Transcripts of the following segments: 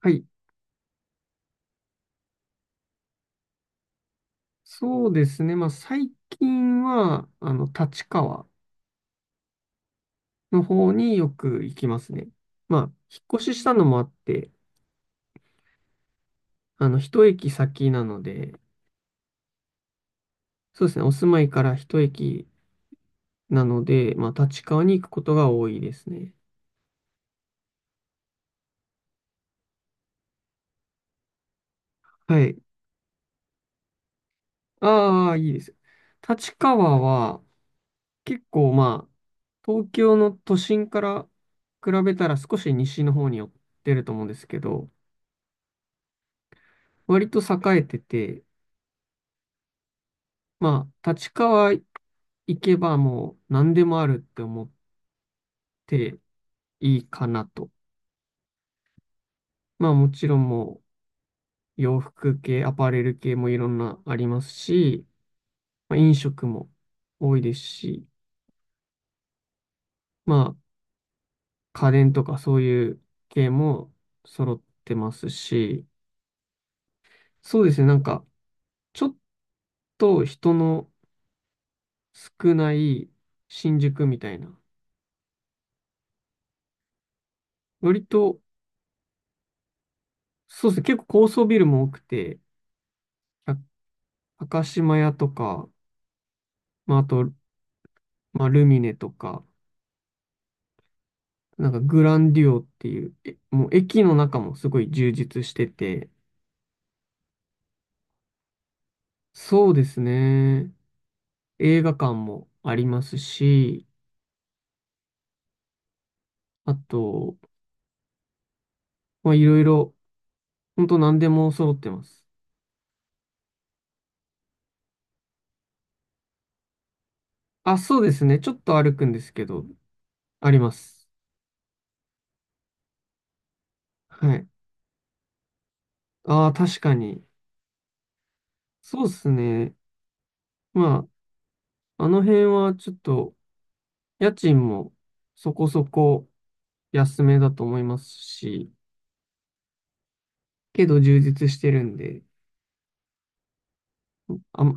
はい。そうですね。最近は、あの、立川の方によく行きますね。まあ、引っ越ししたのもあって、一駅先なので、そうですね。お住まいから一駅なので、立川に行くことが多いですね。はい。ああ、いいです。立川は、結構まあ、東京の都心から比べたら少し西の方に寄ってると思うんですけど、割と栄えてて、立川行けばもう何でもあるって思っていいかなと。もちろんもう洋服系、アパレル系もいろんなありますし、飲食も多いですし、まあ家電とかそういう系も揃ってますし、そうですね、なんかちょっと人の少ない新宿みたいな、割とそうですね、結構高層ビルも多くて、赤高島屋とか、あと、ルミネとか、なんかグランデュオっていう、もう駅の中もすごい充実してて、そうですね。映画館もありますし、あと、いろいろ、ほんと何でも揃ってます。あ、そうですね。ちょっと歩くんですけど、あります。はい。ああ、確かに。そうですね。まあの辺はちょっと、家賃もそこそこ安めだと思いますし、けど充実してるんで、あ、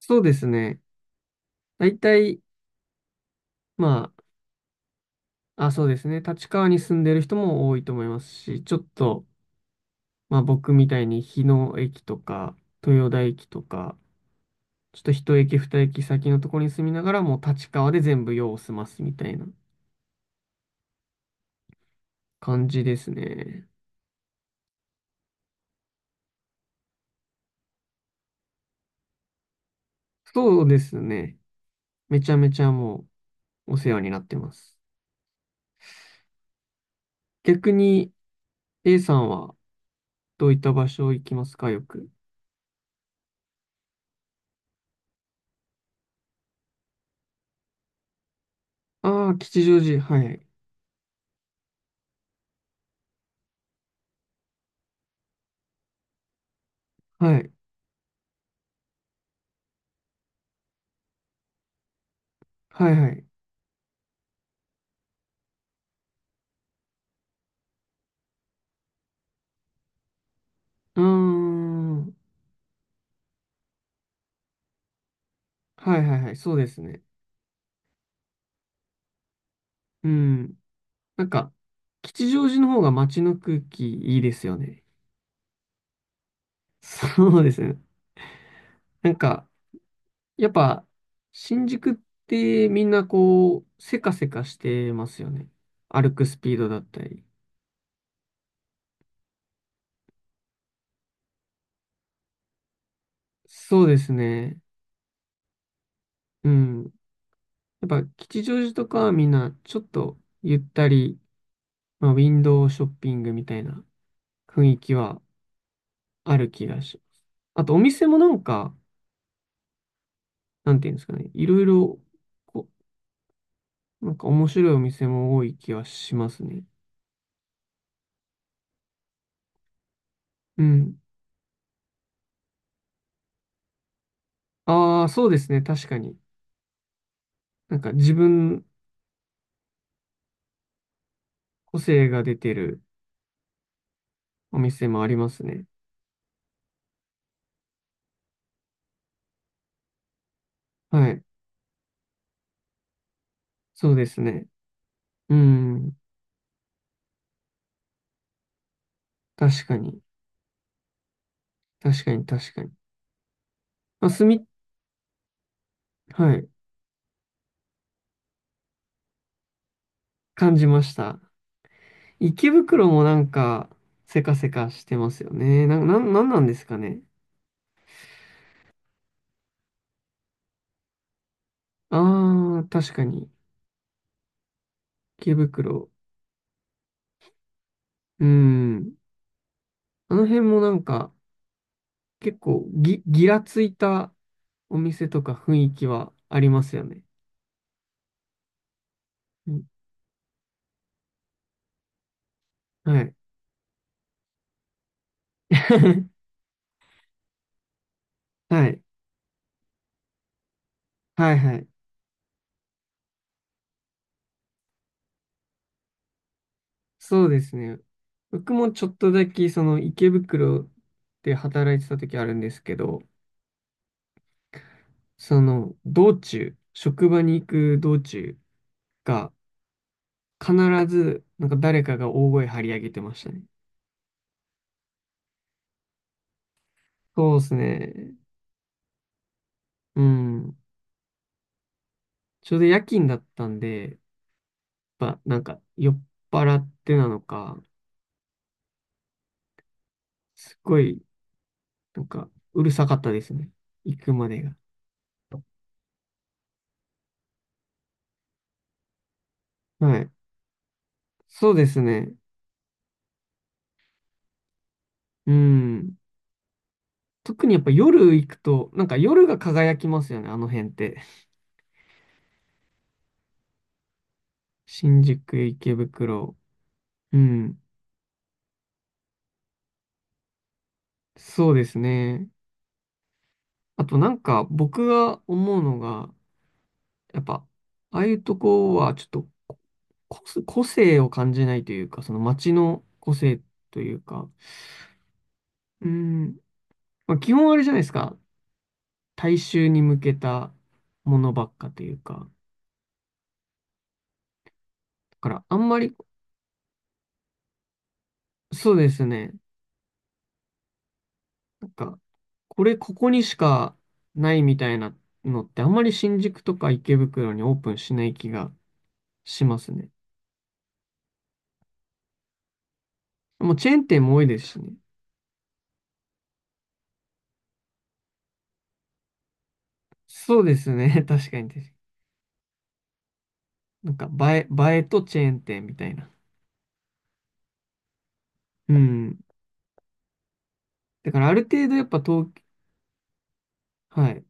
そうですね。だいたいまあ、そうですね。立川に住んでる人も多いと思いますし、ちょっと、僕みたいに日野駅とか、豊田駅とか、ちょっと一駅二駅先のところに住みながら、もう立川で全部用を済ますみたいな感じですね。そうですね。めちゃめちゃもうお世話になってます。逆に A さんはどういった場所行きますか、よく。ああ、吉祥寺。はい。はい。はいはい。うーん。はいはいはい。そうですね。うん。なんか、吉祥寺の方が街の空気いいですよね。そうですね。なんか、やっぱ、新宿ってみんなこう、せかせかしてますよね。歩くスピードだったり。そうですね。うん。やっぱ、吉祥寺とかはみんなちょっとゆったり、ウィンドウショッピングみたいな雰囲気はある気がします。あと、お店もなんか、なんていうんですかね。いろいろ、こう、なんか面白いお店も多い気はしますね。うん。ああ、そうですね。確かに。なんか個性が出てるお店もありますね。はい。そうですね。うん。確かに。確かに。まあ、すみ、はい。感じました。池袋もなんか、せかせかしてますよね。なんなんですかね。ああ、確かに。池袋。うん。あの辺もなんか、結構ぎ、ぎらついたお店とか雰囲気はありますよね。うんはい。はい。はいはい。そうですね。僕もちょっとだけ、その池袋で働いてた時あるんですけど、その道中、職場に行く道中が必ずなんか誰かが大声張り上げてましたね。そうですね。うん。ちょうど夜勤だったんで、やっぱなんか酔っ払ってなのか、すごいなんかうるさかったですね。行くまでが。はい。そうですね。うん。特にやっぱ夜行くと、なんか夜が輝きますよね、あの辺って。新宿、池袋。うん。そうですね。あとなんか僕が思うのが、やっぱ、ああいうとこはちょっと個性を感じないというか、その街の個性というか、うん。基本あれじゃないですか。大衆に向けたものばっかというか。だからあんまり、そうですね。なんか、これここにしかないみたいなのってあんまり新宿とか池袋にオープンしない気がしますね。もうチェーン店も多いですしね。そうですね。確かに。なんか映え、映えとチェーン店みたいな。うん。だからある程度やっぱ東、はい、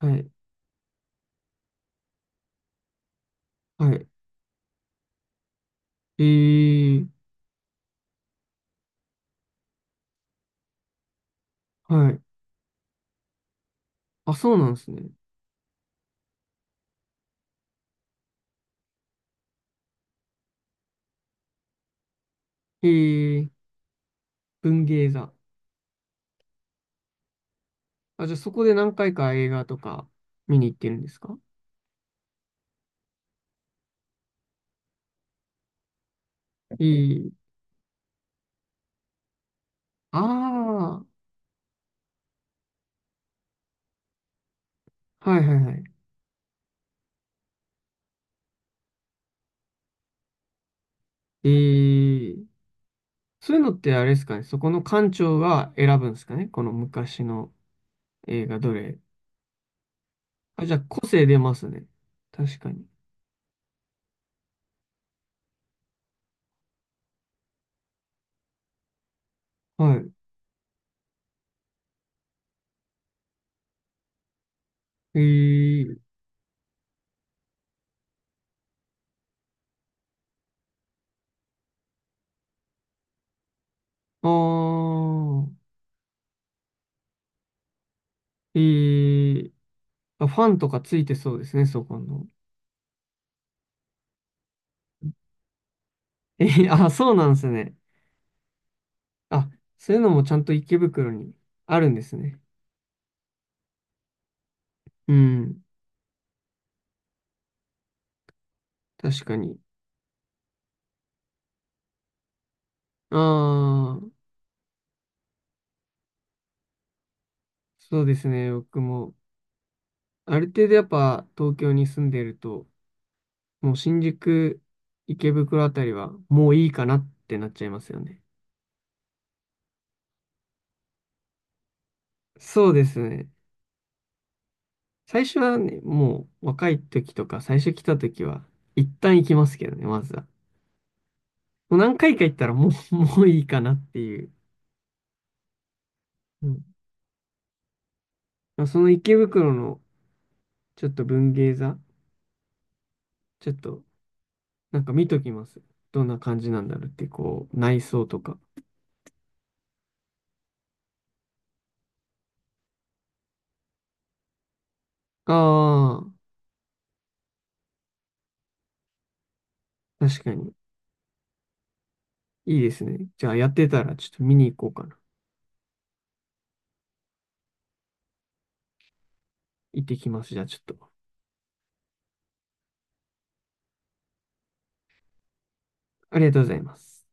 はい、はい。えー、はい。あ、そうなんですね。えー、文芸座。あ、じゃあそこで何回か映画とか見に行ってるんですか？えー、ああ、はいはいはい。えー、そういうのってあれですかね、そこの館長が選ぶんですかね、この昔の映画どれ。あ、じゃあ個性出ますね。確かに。はい。えー、あー、えー、あ、ファンとかついてそうですね、そこの。あ、そうなんですね。あ、そういうのもちゃんと池袋にあるんですね。うん、確かに。ああ。そうですね、僕も。ある程度やっぱ東京に住んでると、もう新宿、池袋あたりはもういいかなってなっちゃいますよね。そうですね。最初はね、もう若い時とか最初来た時は一旦行きますけどね、まずは。もう何回か行ったらもう、もういいかなっていう。うん。まあその池袋のちょっと文芸座、ちょっとなんか見ときます。どんな感じなんだろうって、こう、内装とか。ああ、確かに。いいですね。じゃあやってたらちょっと見に行こうかな。行ってきます。じゃあちょっと。ありがとうございます。